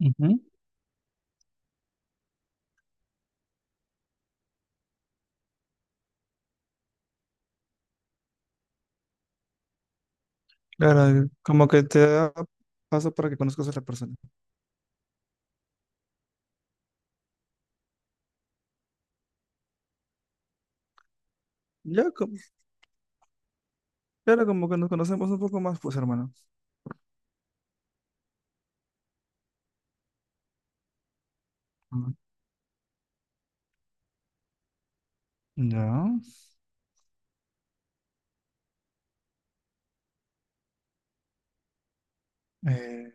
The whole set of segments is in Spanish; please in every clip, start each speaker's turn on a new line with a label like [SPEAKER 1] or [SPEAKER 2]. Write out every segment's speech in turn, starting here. [SPEAKER 1] Ujú. Claro, como que te da paso para que conozcas a la persona. Ya, como, claro, como que nos conocemos un poco más, pues, hermano. Ujú. Ya. eh,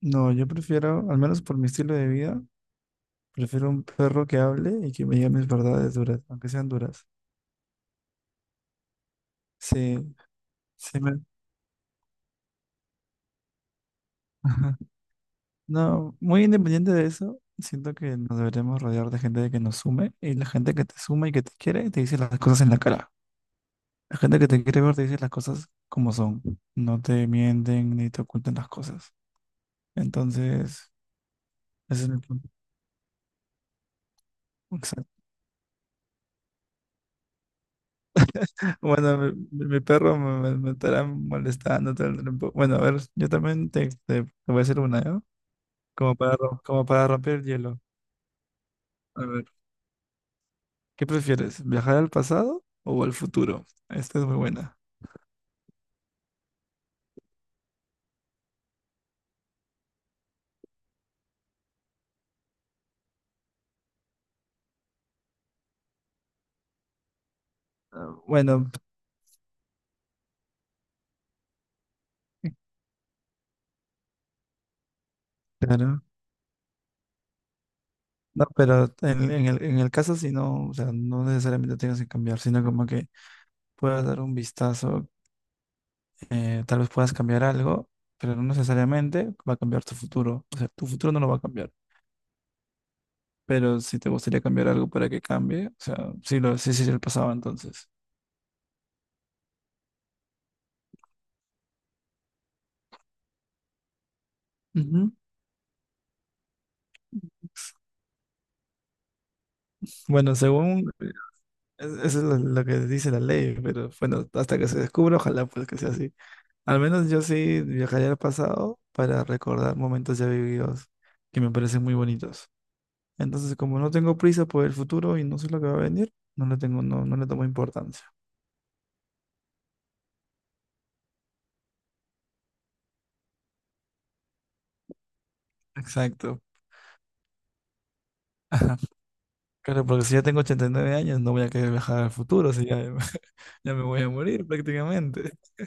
[SPEAKER 1] no, yo prefiero, al menos por mi estilo de vida, prefiero un perro que hable y que me diga mis verdades duras, aunque sean duras. Sí, sí me... No, muy independiente de eso, siento que nos deberíamos rodear de gente que nos sume y la gente que te suma y que te quiere te dice las cosas en la cara. La gente que te quiere ver te dice las cosas como son. No te mienten ni te ocultan las cosas. Entonces, ese es mi punto. Exacto. Bueno, mi perro me estará molestando todo el tiempo. Bueno, a ver, yo también te voy a hacer una, ¿no? Como para, como para romper el hielo. A ver, ¿qué prefieres? ¿Viajar al pasado o al futuro? Esta es muy buena. Ah, bueno, claro. No, pero en el caso si no, o sea, no necesariamente tienes que cambiar, sino como que puedas dar un vistazo, tal vez puedas cambiar algo, pero no necesariamente va a cambiar tu futuro. O sea, tu futuro no lo va a cambiar. Pero si te gustaría cambiar algo para que cambie, o sea, sí, lo, sí, sí, sí, lo pasaba entonces. Ujú. Bueno, según, eso es lo que dice la ley, pero bueno, hasta que se descubra, ojalá pues que sea así. Al menos yo sí viajaría al pasado para recordar momentos ya vividos que me parecen muy bonitos. Entonces, como no tengo prisa por el futuro y no sé lo que va a venir, no le tengo, no le tomo importancia. Exacto. Claro, porque si ya tengo 89 años, no voy a querer viajar al futuro, si ya, ya me voy a morir prácticamente.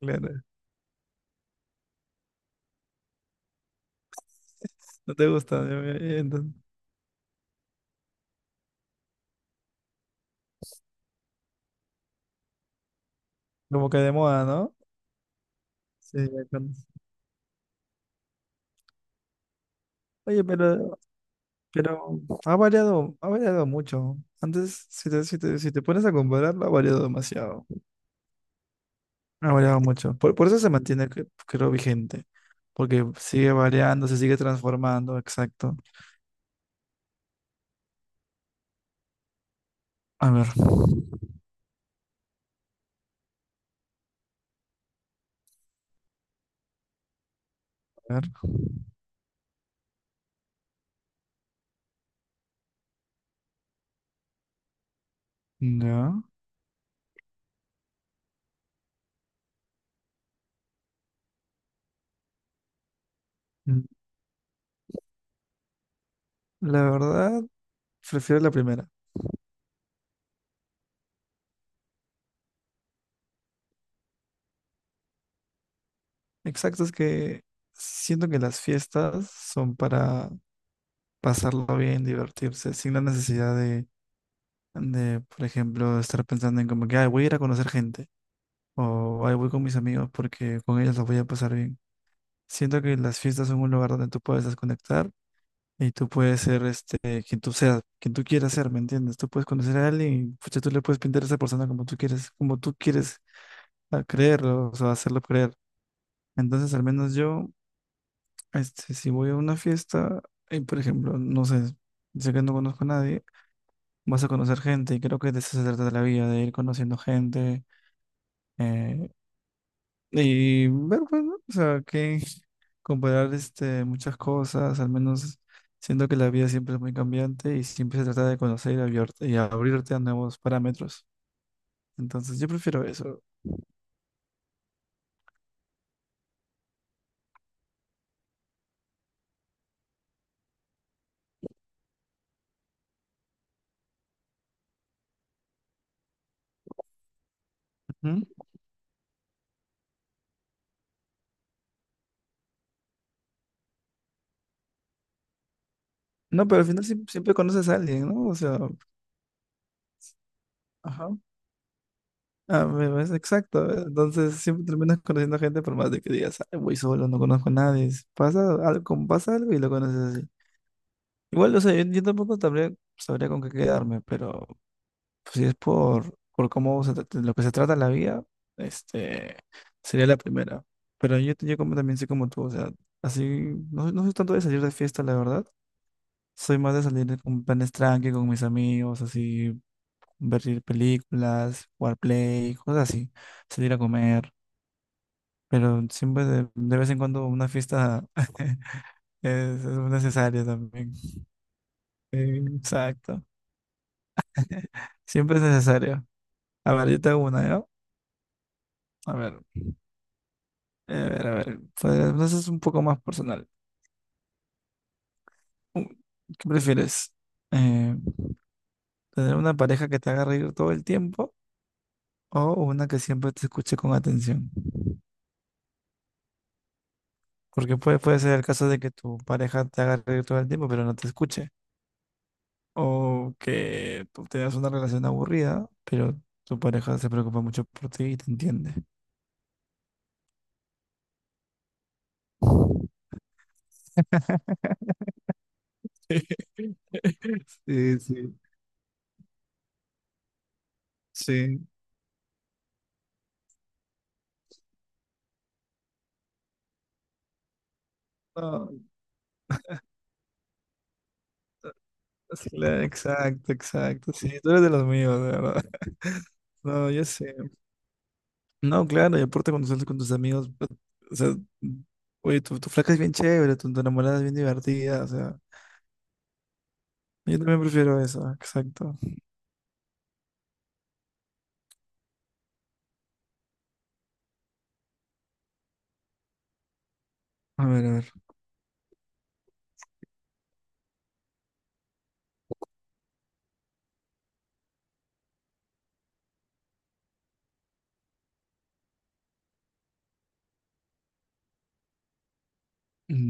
[SPEAKER 1] Claro, no te gusta, como que de moda, ¿no? Sí, ya con- Oye, pero ha variado mucho. Antes, si te pones a compararlo, ha variado demasiado. Ha variado mucho. Por eso se mantiene, creo, vigente. Porque sigue variando, se sigue transformando, exacto. A ver, a ver, ya. Mm, la verdad, prefiero la primera. Exacto, es que siento que las fiestas son para pasarlo bien, divertirse, sin la necesidad de, por ejemplo, estar pensando en como que, ay, voy a ir a conocer gente, o ay, voy con mis amigos porque con ellos los voy a pasar bien. Siento que las fiestas son un lugar donde tú puedes desconectar y tú puedes ser este, quien tú seas, quien tú quieras ser, ¿me entiendes? Tú puedes conocer a alguien y pucha, tú le puedes pintar a esa persona como tú quieres, como tú quieres, creerlo, o sea, hacerlo creer. Entonces, al menos yo. Este, si voy a una fiesta, y por ejemplo, no sé, sé que no conozco a nadie, vas a conocer gente y creo que de eso se trata la vida, de ir conociendo gente, eh, y ver, pues, ¿no? O sea, que comparar este, muchas cosas, al menos siento que la vida siempre es muy cambiante y siempre se trata de conocer y, y abrirte a nuevos parámetros. Entonces, yo prefiero eso. Ujú. No, pero al final siempre conoces a alguien, ¿no? O sea, ajá. Ah, me parece exacto. ¿Eh? Entonces siempre terminas conociendo gente por más de que digas, "Ay, voy solo, no conozco a nadie. Pasa algo, como pasa algo y lo conoces así." Igual, o sea, yo tampoco sabría con qué quedarme, pero pues, si es por cómo se, lo que se trata la vida, este, sería la primera. Pero yo como también soy como tú, o sea, así, no, no soy tanto de salir de fiesta, la verdad. Soy más de salir con planes tranqui, con mis amigos, así, ver películas, jugar play, cosas así, salir a comer. Pero siempre de vez en cuando una fiesta es, es necesaria también. Exacto. Siempre es necesario. A ver, yo te hago una, ¿ya? A ver, a ver, a ver. Pues, entonces es un poco más personal. Uh, ¿Qué prefieres? Eh, ¿Tener una pareja que te haga reír todo el tiempo o una que siempre te escuche con atención? Porque puede ser el caso de que tu pareja te haga reír todo el tiempo, pero no te escuche. O que tú tengas una relación aburrida, pero tu pareja se preocupa mucho por ti y te entiende. Sí, sí, sí. No, sí, exacto, exacto. Sí, tú eres de los míos, de verdad. No, yo sé. No, claro, y aparte cuando sales con tus amigos, pues, o sea, oye, tu flaca es bien chévere, tu enamorada es bien divertida, o sea, yo también prefiero eso, exacto. A ver, a ver.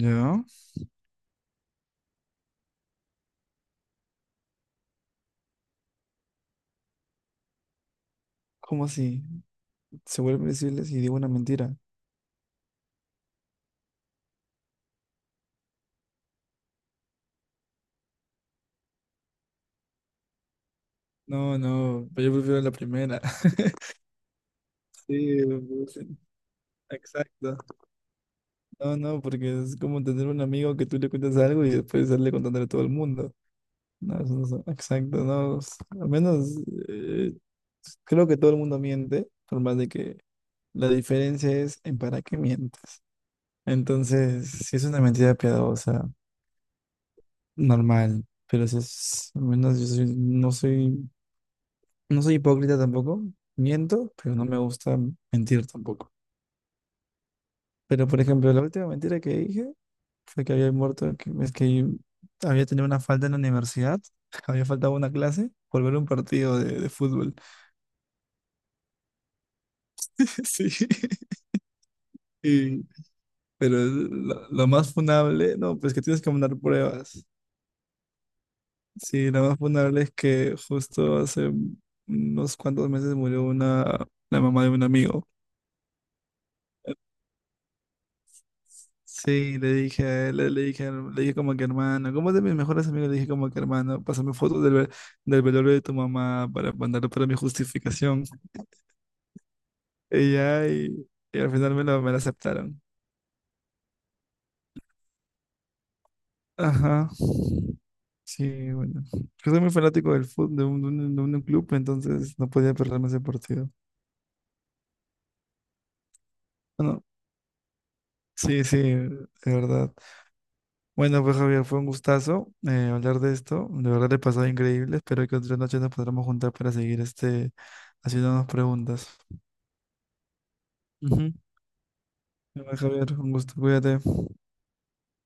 [SPEAKER 1] Ya. ¿Cómo así? Se vuelven visibles y digo una mentira. No, no, pero yo prefiero la primera. Sí, pues, exacto. No, no, porque es como tener un amigo que tú le cuentas algo y después sale contándole a todo el mundo. No, eso no exacto, no. Al menos eh, creo que todo el mundo miente, por más de que la diferencia es en para qué mientes. Entonces, si es una mentira piadosa, normal, pero si es, al menos no soy, no soy hipócrita tampoco, miento, pero no me gusta mentir tampoco. Pero, por ejemplo, la última mentira que dije fue que había muerto, que, es que había tenido una falta en la universidad, había faltado una clase por ver un partido de fútbol. Sí, y- pero lo más funable, no, pues que tienes que mandar pruebas. Sí, lo más funable es que justo hace unos cuantos meses murió una, la mamá de un amigo. Sí, le dije a él, le dije como que hermano, como de mis mejores amigos, le dije como que hermano, pásame fotos del, del velorio de tu mamá para mandarlo para mi justificación. Y ya, y al final me lo aceptaron. Ajá. Sí, bueno. Yo soy muy fanático del fútbol, de un club, entonces no podía perderme ese partido. Bueno, sí, sí, de verdad. Bueno, pues Javier, fue un gustazo, hablar de esto. De verdad le he pasado increíble. Espero que otra noche nos podamos juntar para seguir este haciéndonos preguntas. Ujú. Bueno, Javier, un gusto. Cuídate.